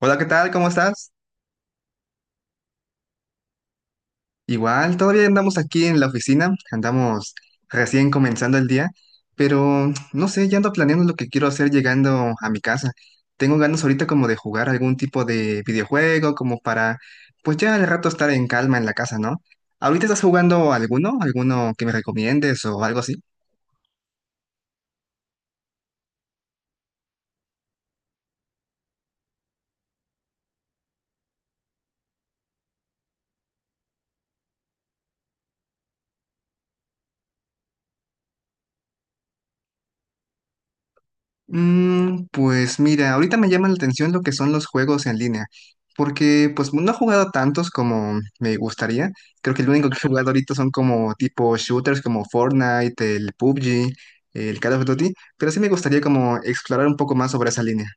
Hola, ¿qué tal? ¿Cómo estás? Igual, todavía andamos aquí en la oficina, andamos recién comenzando el día, pero no sé, ya ando planeando lo que quiero hacer llegando a mi casa. Tengo ganas ahorita como de jugar algún tipo de videojuego, como para, pues ya al rato estar en calma en la casa, ¿no? ¿Ahorita estás jugando alguno? ¿Alguno que me recomiendes o algo así? Mm, pues mira, ahorita me llama la atención lo que son los juegos en línea, porque pues no he jugado tantos como me gustaría. Creo que el único que he jugado ahorita son como tipo shooters como Fortnite, el PUBG, el Call of Duty, pero sí me gustaría como explorar un poco más sobre esa línea.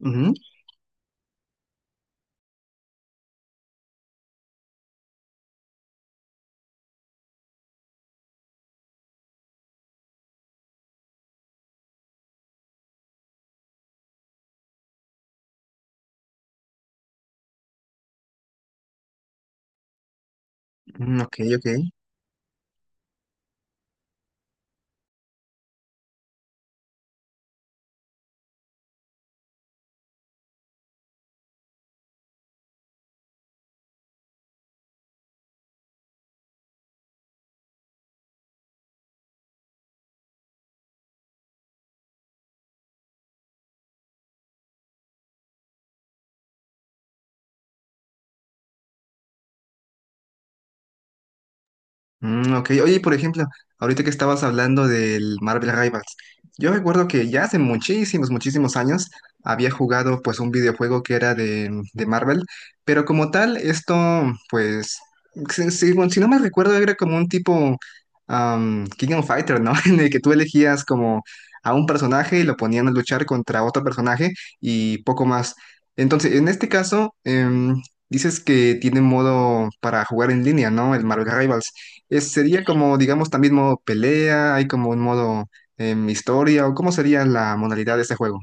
Ujú, mm, ok, ok. Mm, ok, oye, por ejemplo, ahorita que estabas hablando del Marvel Rivals, yo recuerdo que ya hace muchísimos, muchísimos años había jugado pues un videojuego que era de Marvel, pero como tal, esto pues, bueno, si no me recuerdo, era como un tipo King of Fighter, ¿no? En el que tú elegías como a un personaje y lo ponían a luchar contra otro personaje y poco más. Entonces, en este caso, dices que tiene modo para jugar en línea, ¿no? El Marvel Rivals. ¿Sería como, digamos, también modo pelea? ¿Hay como un modo historia? ¿O cómo sería la modalidad de este juego?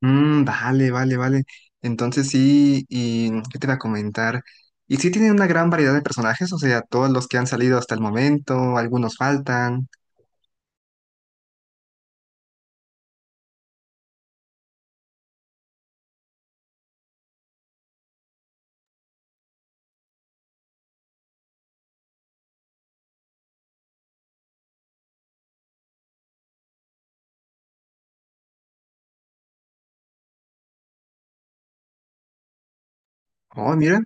Mm, vale, vale, vale. Entonces sí, ¿y qué te iba a comentar? ¿Y sí tiene una gran variedad de personajes? O sea, todos los que han salido hasta el momento, algunos faltan. Oh, mira,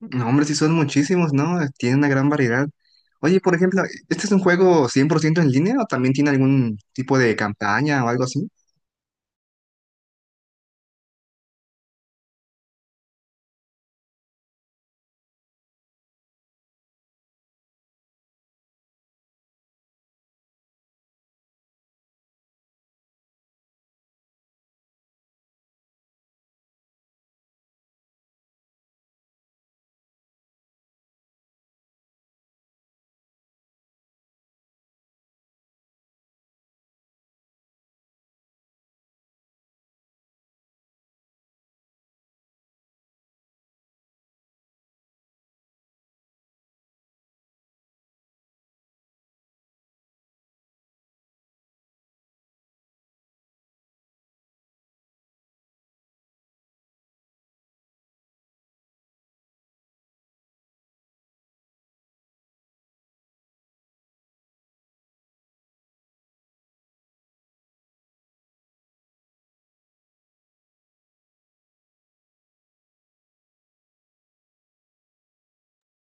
no, hombre, sí son muchísimos, ¿no? Tiene una gran variedad. Oye, por ejemplo, ¿este es un juego 100% en línea o también tiene algún tipo de campaña o algo así?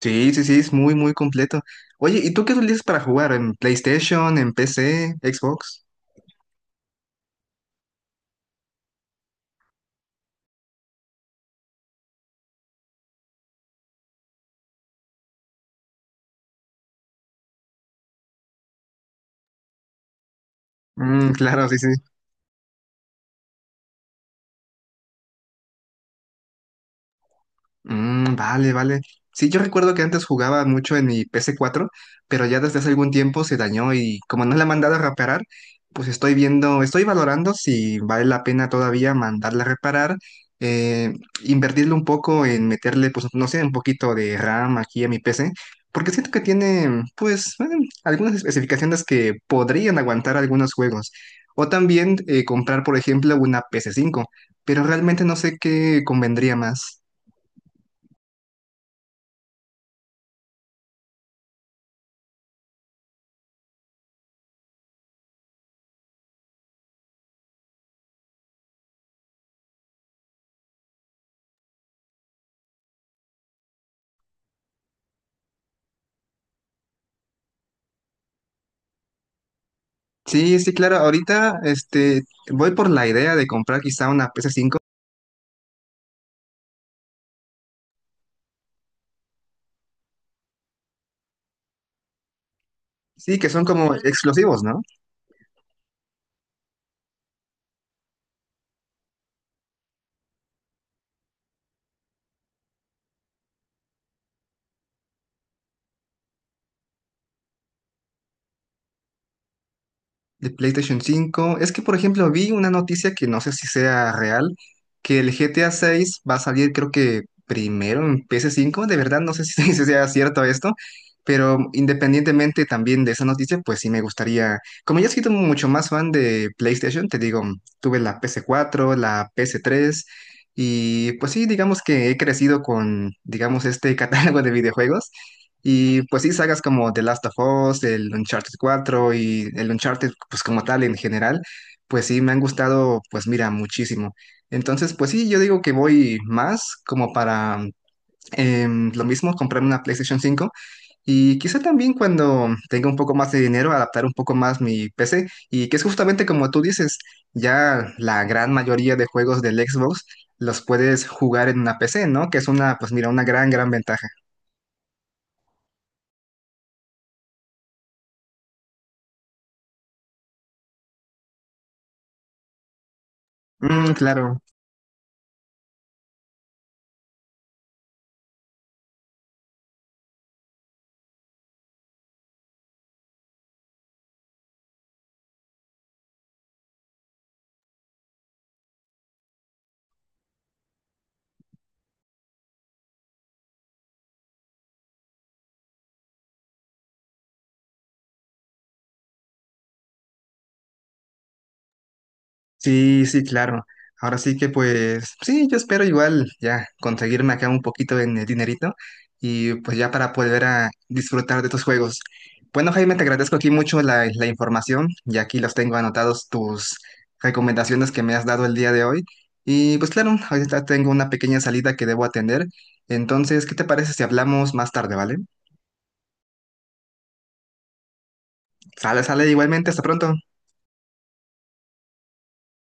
Sí, sí, sí, es muy, muy completo. Oye, ¿y tú qué utilizas para jugar? ¿En PlayStation, en PC, Xbox? Mm, claro, sí, sí. Mm, vale, vale. Sí, yo recuerdo que antes jugaba mucho en mi PS4, pero ya desde hace algún tiempo se dañó y como no la he mandado a reparar, pues estoy viendo, estoy valorando si vale la pena todavía mandarla a reparar, eh, invertirle un poco en meterle, pues no sé, un poquito de RAM aquí a mi PC, porque siento que tiene, pues, algunas especificaciones que podrían aguantar algunos juegos. O también comprar, por ejemplo, una PS5, pero realmente no sé qué convendría más. Sí, sí, claro. Ahorita, voy por la idea de comprar quizá una PS5. Sí, que son como exclusivos, ¿no? ¿De PlayStation 5? Es que, por ejemplo, vi una noticia que no sé si sea real, que el GTA 6 va a salir creo que primero en PS5. De verdad, no sé si, si sea cierto esto, pero independientemente también de esa noticia, pues sí me gustaría, como yo soy sido mucho más fan de PlayStation, te digo, tuve la PS4, la PS3, y pues sí, digamos que he crecido con, digamos, este catálogo de videojuegos. Y pues sí, sagas como The Last of Us, el Uncharted 4 y el Uncharted, pues como tal en general, pues sí, me han gustado, pues mira, muchísimo. Entonces, pues sí, yo digo que voy más como para lo mismo, comprar una PlayStation 5 y quizá también cuando tenga un poco más de dinero, adaptar un poco más mi PC y que es justamente como tú dices, ya la gran mayoría de juegos del Xbox los puedes jugar en una PC, ¿no? Que es una, pues mira, una gran, gran ventaja. Mm, claro. Sí, sí, claro. Ahora sí que pues, sí, yo espero igual ya conseguirme acá un poquito en el dinerito y pues ya para poder a disfrutar de tus juegos. Bueno, Jaime, te agradezco aquí mucho la información y aquí los tengo anotados tus recomendaciones que me has dado el día de hoy. Y pues claro, ahorita tengo una pequeña salida que debo atender. Entonces, ¿qué te parece si hablamos más tarde, ¿vale? Sale, sale igualmente, hasta pronto.